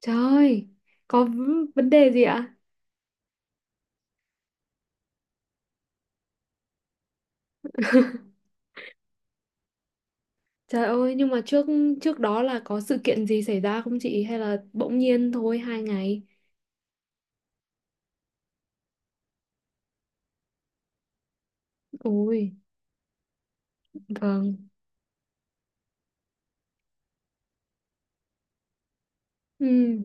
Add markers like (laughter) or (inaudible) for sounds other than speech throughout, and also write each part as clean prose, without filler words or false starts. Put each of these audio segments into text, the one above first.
Trời ơi, có vấn đề gì ạ? (laughs) Trời ơi, nhưng mà trước trước đó là có sự kiện gì xảy ra không chị? Hay là bỗng nhiên thôi 2 ngày? Ôi, vâng. Ừ,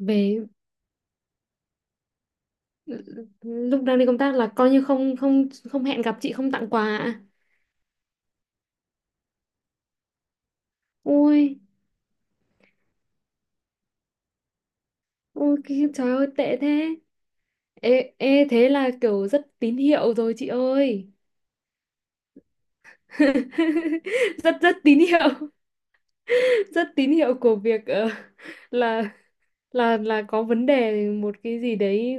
về lúc đang đi công tác là coi như không không không hẹn gặp chị không tặng quà ạ. Ôi, trời ơi tệ thế. Ê, thế là kiểu rất tín hiệu rồi chị ơi. (laughs) Rất rất tín hiệu, (laughs) rất tín hiệu của việc ờ, là là có vấn đề một cái gì đấy,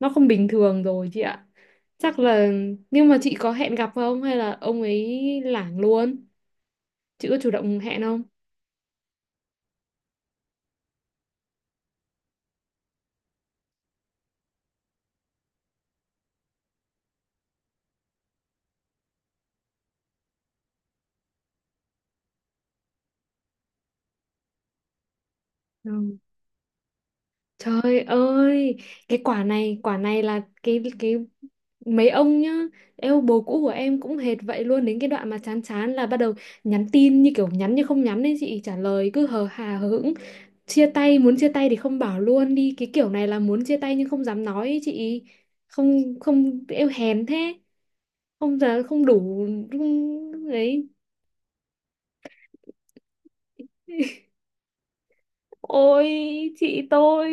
nó không bình thường rồi chị ạ, chắc là. Nhưng mà chị có hẹn gặp không hay là ông ấy lảng luôn, chị có chủ động hẹn không? Ừ. Trời ơi, cái quả này là cái mấy ông nhá. Yêu bồ cũ của em cũng hệt vậy luôn, đến cái đoạn mà chán chán là bắt đầu nhắn tin như kiểu nhắn như không nhắn ấy, chị trả lời cứ hờ hà hờ hững. Chia tay muốn chia tay thì không bảo luôn đi, cái kiểu này là muốn chia tay nhưng không dám nói ý chị. Không không, eo hèn thế. Không, giờ không đủ. Không- đấy. (laughs) Ôi chị tôi,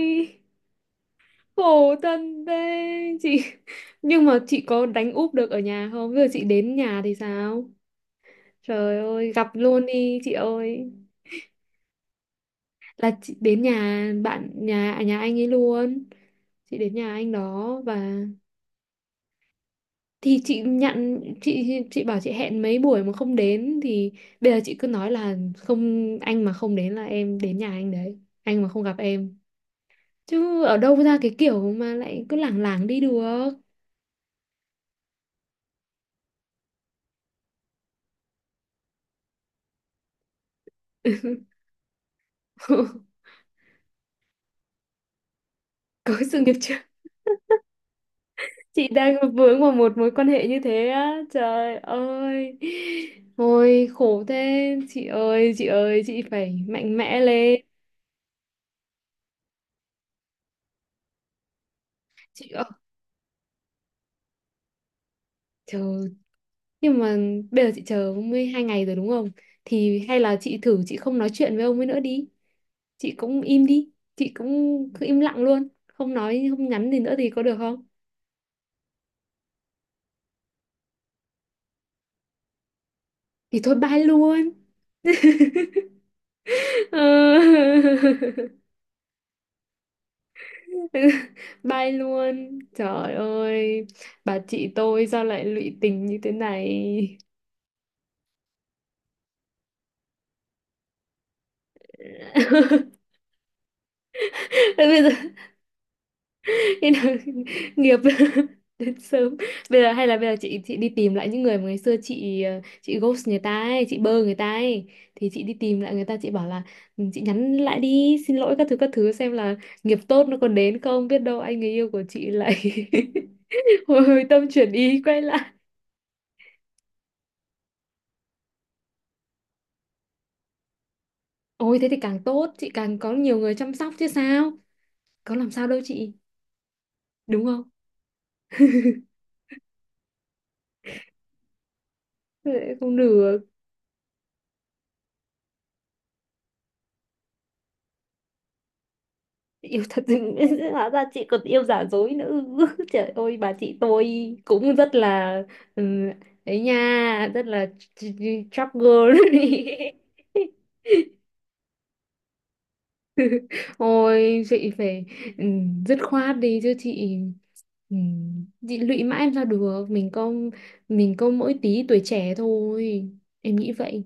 khổ thân thế chị. (laughs) Nhưng mà chị có đánh úp được ở nhà không, bây giờ chị đến nhà thì sao? Trời ơi, gặp luôn đi chị ơi. Là chị đến nhà bạn nhà anh ấy luôn. Chị đến nhà anh đó, và thì chị nhận, chị bảo chị hẹn mấy buổi mà không đến thì bây giờ chị cứ nói là không, anh mà không đến là em đến nhà anh đấy, anh mà không gặp em. Chứ ở đâu ra cái kiểu mà lại cứ lảng lảng đi được. (laughs) Có sự nghiệp chưa, chị đang vướng vào một mối quan hệ như thế á, trời ơi. Ôi khổ thế chị ơi, chị ơi chị phải mạnh mẽ lên. Chị ơi, trời. Nhưng mà bây giờ chị chờ mới 2 ngày rồi đúng không? Thì hay là chị thử chị không nói chuyện với ông ấy nữa đi. Chị cũng im đi. Chị cũng cứ im lặng luôn. Không nói, không nhắn gì nữa thì có được không? Thì thôi bye luôn. (laughs) Ờ. Bye luôn. Trời ơi. Bà chị tôi sao lại lụy tình như thế này? (laughs) Bây giờ nên là (laughs) nghiệp (laughs) đến sớm, bây giờ hay là bây giờ chị đi tìm lại những người mà ngày xưa chị ghost người ta ấy, chị bơ người ta ấy, thì chị đi tìm lại người ta chị bảo là "Ừ, chị nhắn lại đi xin lỗi các thứ xem là nghiệp tốt nó còn đến không biết đâu, anh người yêu của chị lại (laughs) hồi hồi tâm chuyển ý quay lại." Ôi thế thì càng tốt, chị càng có nhiều người chăm sóc chứ sao, có làm sao đâu chị, đúng không? Thế không được. Yêu thật nhưng (laughs) hóa ra chị còn yêu giả dối nữa. (laughs) Trời ơi, bà chị tôi cũng rất là, ừ, ấy nha, rất là chóc girl. (laughs) Ôi chị phải, ừ, dứt khoát đi chứ chị, ừ, chị lụy mãi em ra được, mình có, mình có mỗi tí tuổi trẻ thôi, em nghĩ vậy.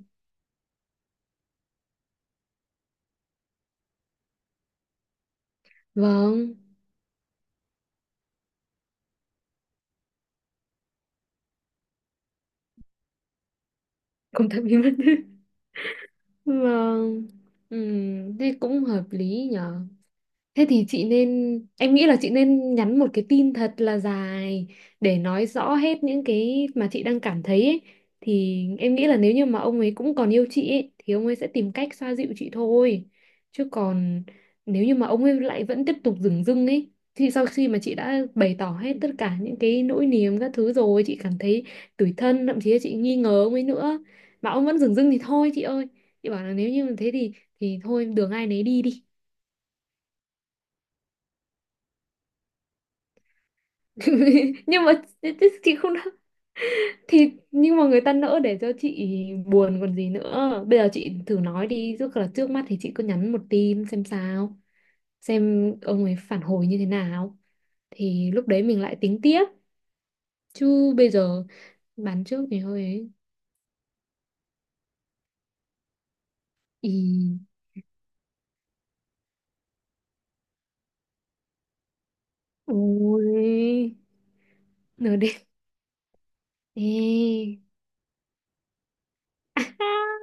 Vâng. Công thật bí mật. (laughs) Vâng. Ừ, thế cũng hợp lý nhở. Thế thì chị nên, em nghĩ là chị nên nhắn một cái tin thật là dài để nói rõ hết những cái mà chị đang cảm thấy ấy. Thì em nghĩ là nếu như mà ông ấy cũng còn yêu chị ấy, thì ông ấy sẽ tìm cách xoa dịu chị thôi. Chứ còn nếu như mà ông ấy lại vẫn tiếp tục dửng dưng ấy, thì sau khi mà chị đã bày tỏ hết tất cả những cái nỗi niềm các thứ rồi, chị cảm thấy tủi thân, thậm chí là chị nghi ngờ ông ấy nữa. Mà ông vẫn dửng dưng thì thôi chị ơi. Chị bảo là nếu như thế thì thôi đường ai nấy đi đi. (laughs) Nhưng mà thế chị không đ-, thì nhưng mà người ta nỡ để cho chị buồn còn gì nữa, bây giờ chị thử nói đi, trước là trước mắt thì chị cứ nhắn một tin xem sao, xem ông ấy phản hồi như thế nào thì lúc đấy mình lại tính tiếp, chứ bây giờ bán trước thì hơi ấy. Ý. Ôi, nửa đêm. Ê. (laughs)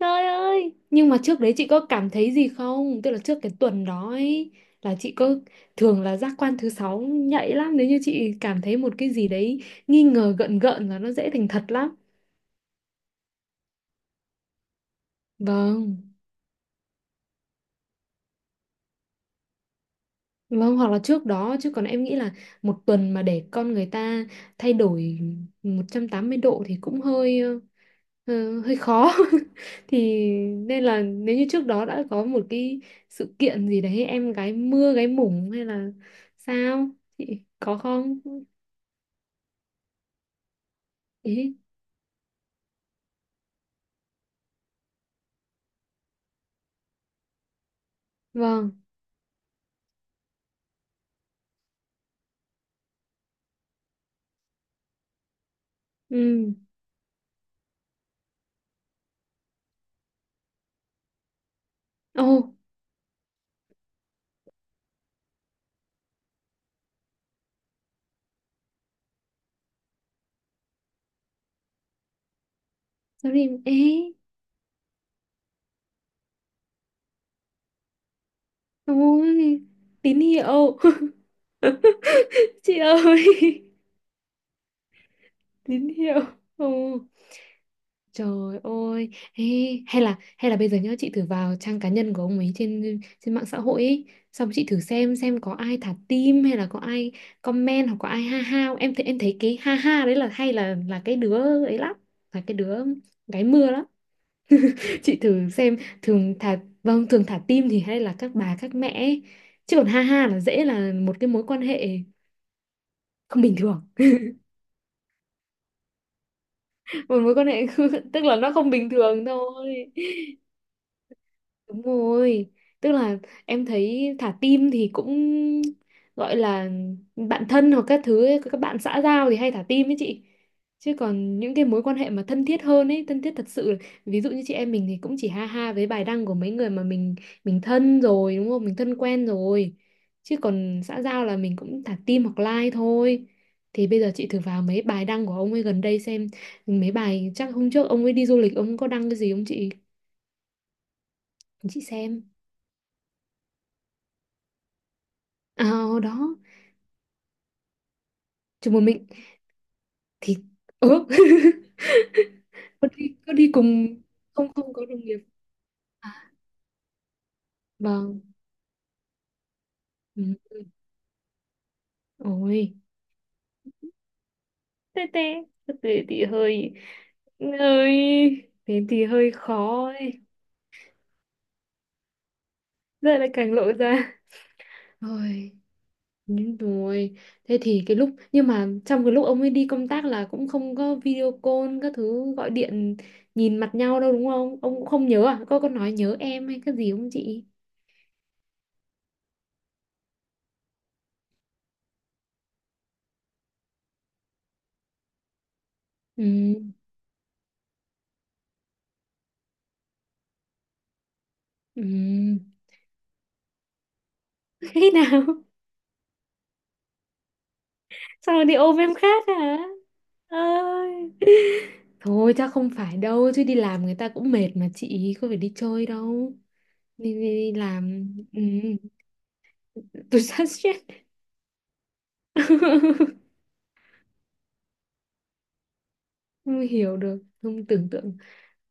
Trời ơi, nhưng mà trước đấy chị có cảm thấy gì không? Tức là trước cái tuần đó ấy, là chị có, thường là giác quan thứ sáu nhạy lắm, nếu như chị cảm thấy một cái gì đấy nghi ngờ gợn gợn là nó dễ thành thật lắm. Vâng, vâng, hoặc là trước đó, chứ còn em nghĩ là một tuần mà để con người ta thay đổi 180 độ thì cũng hơi, hơi khó. (laughs) Thì nên là nếu như trước đó đã có một cái sự kiện gì đấy, em gái mưa gái mủng hay là sao, chị có không? Ý. Vâng. Ừ. Ồ. Sao đi ấy. Ôi tín hiệu. (laughs) Chị ơi. (laughs) Tín hiệu. Ồ. Trời ơi. Ê, hay là, hay là bây giờ nhớ chị thử vào trang cá nhân của ông ấy trên trên mạng xã hội ấy, xong chị thử xem có ai thả tim hay là có ai comment hoặc có ai ha ha không. Em thấy cái ha ha đấy là, hay là cái đứa ấy lắm, là cái đứa gái mưa lắm. (laughs) Chị thử xem, thường thả, vâng, thường thả tim thì hay là các bà các mẹ ấy. Chứ còn ha ha là dễ là một cái mối quan hệ không bình thường, (laughs) một mối quan hệ, (laughs) tức là nó không bình thường thôi. Đúng rồi, tức là em thấy thả tim thì cũng gọi là bạn thân hoặc các thứ ấy, các bạn xã giao thì hay thả tim ấy chị. Chứ còn những cái mối quan hệ mà thân thiết hơn ấy, thân thiết thật sự, ví dụ như chị em mình thì cũng chỉ ha ha với bài đăng của mấy người mà mình thân rồi, đúng không? Mình thân quen rồi. Chứ còn xã giao là mình cũng thả tim hoặc like thôi. Thì bây giờ chị thử vào mấy bài đăng của ông ấy gần đây xem, mấy bài chắc hôm trước ông ấy đi du lịch ông có đăng cái gì không chị? Chị xem. À, đó, chụp một mình thì ừ. (laughs) Có đi, cùng không không có đồng nghiệp, à, vâng. Ừ. Ôi. Tê tê, thì hơi, ơi thế thì hơi khó ấy. Giờ lại càng lộ ra. Ôi nhưng rồi, thế thì cái lúc nhưng mà trong cái lúc ông ấy đi công tác là cũng không có video call các thứ, gọi điện nhìn mặt nhau đâu đúng không, ông cũng không nhớ à, có nói nhớ em hay cái gì không chị? Ừ. Ừ. (laughs) Thế nào? Sao lại đi ôm em khác hả, ơi, thôi chắc không phải đâu, chứ đi làm người ta cũng mệt mà, chị có phải đi chơi đâu, đi, đi, đi làm, ừ, tôi sát stress. (laughs) Không hiểu được, không tưởng tượng.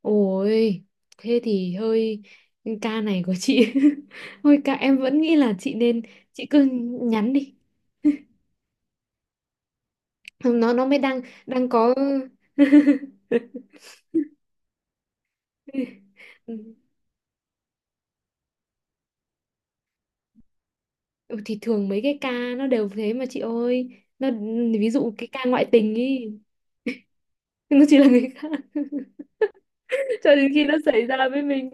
Ôi thế thì hơi, ca này của chị. (laughs) Thôi ca em vẫn nghĩ là chị nên, chị cứ nhắn đi, nó mới đang, đang có. (laughs) Ừ, thì thường mấy cái ca nó đều thế mà chị ơi, nó, ví dụ cái ca ngoại tình ý. (laughs) Nó chỉ là người khác. (laughs) Cho đến khi nó xảy ra với mình.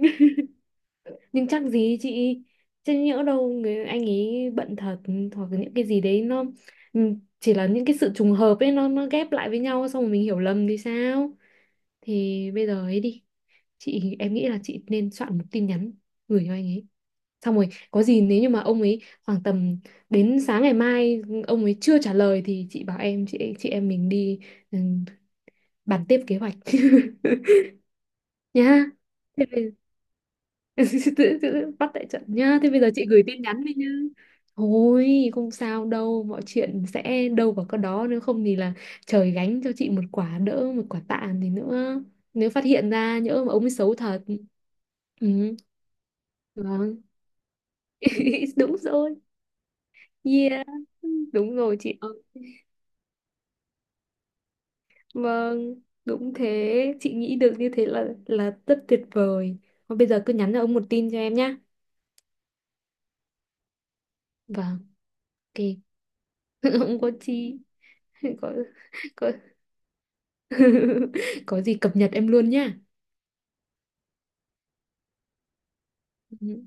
(laughs) Nhưng chắc gì chị, chứ nhỡ đâu người anh ấy bận thật, hoặc là những cái gì đấy nó, ừ, chỉ là những cái sự trùng hợp ấy, nó ghép lại với nhau xong rồi mình hiểu lầm thì sao? Thì bây giờ ấy đi. Chị, em nghĩ là chị nên soạn một tin nhắn gửi cho anh ấy. Xong rồi, có gì nếu như mà ông ấy khoảng tầm đến sáng ngày mai ông ấy chưa trả lời thì chị bảo em, chị em mình đi, ừ, bàn tiếp kế hoạch (laughs) nhá. Thế bây, (laughs) Tự bắt tại trận nhá, thế bây giờ chị gửi tin nhắn đi nhá, thôi không sao đâu, mọi chuyện sẽ đâu vào cái đó, nếu không thì là trời gánh cho chị một quả, đỡ một quả tạ thì nữa, nếu phát hiện ra nhỡ mà ông ấy xấu thật. Ừ. Vâng. (laughs) Đúng rồi. Yeah. Đúng rồi chị ơi. Vâng đúng thế, chị nghĩ được như thế là rất tuyệt vời. Thôi bây giờ cứ nhắn cho ông một tin cho em nhá. Vâng. Ok. (laughs) Không có chi. Có. Có. (laughs) Có gì cập nhật em luôn nhá. Ừ.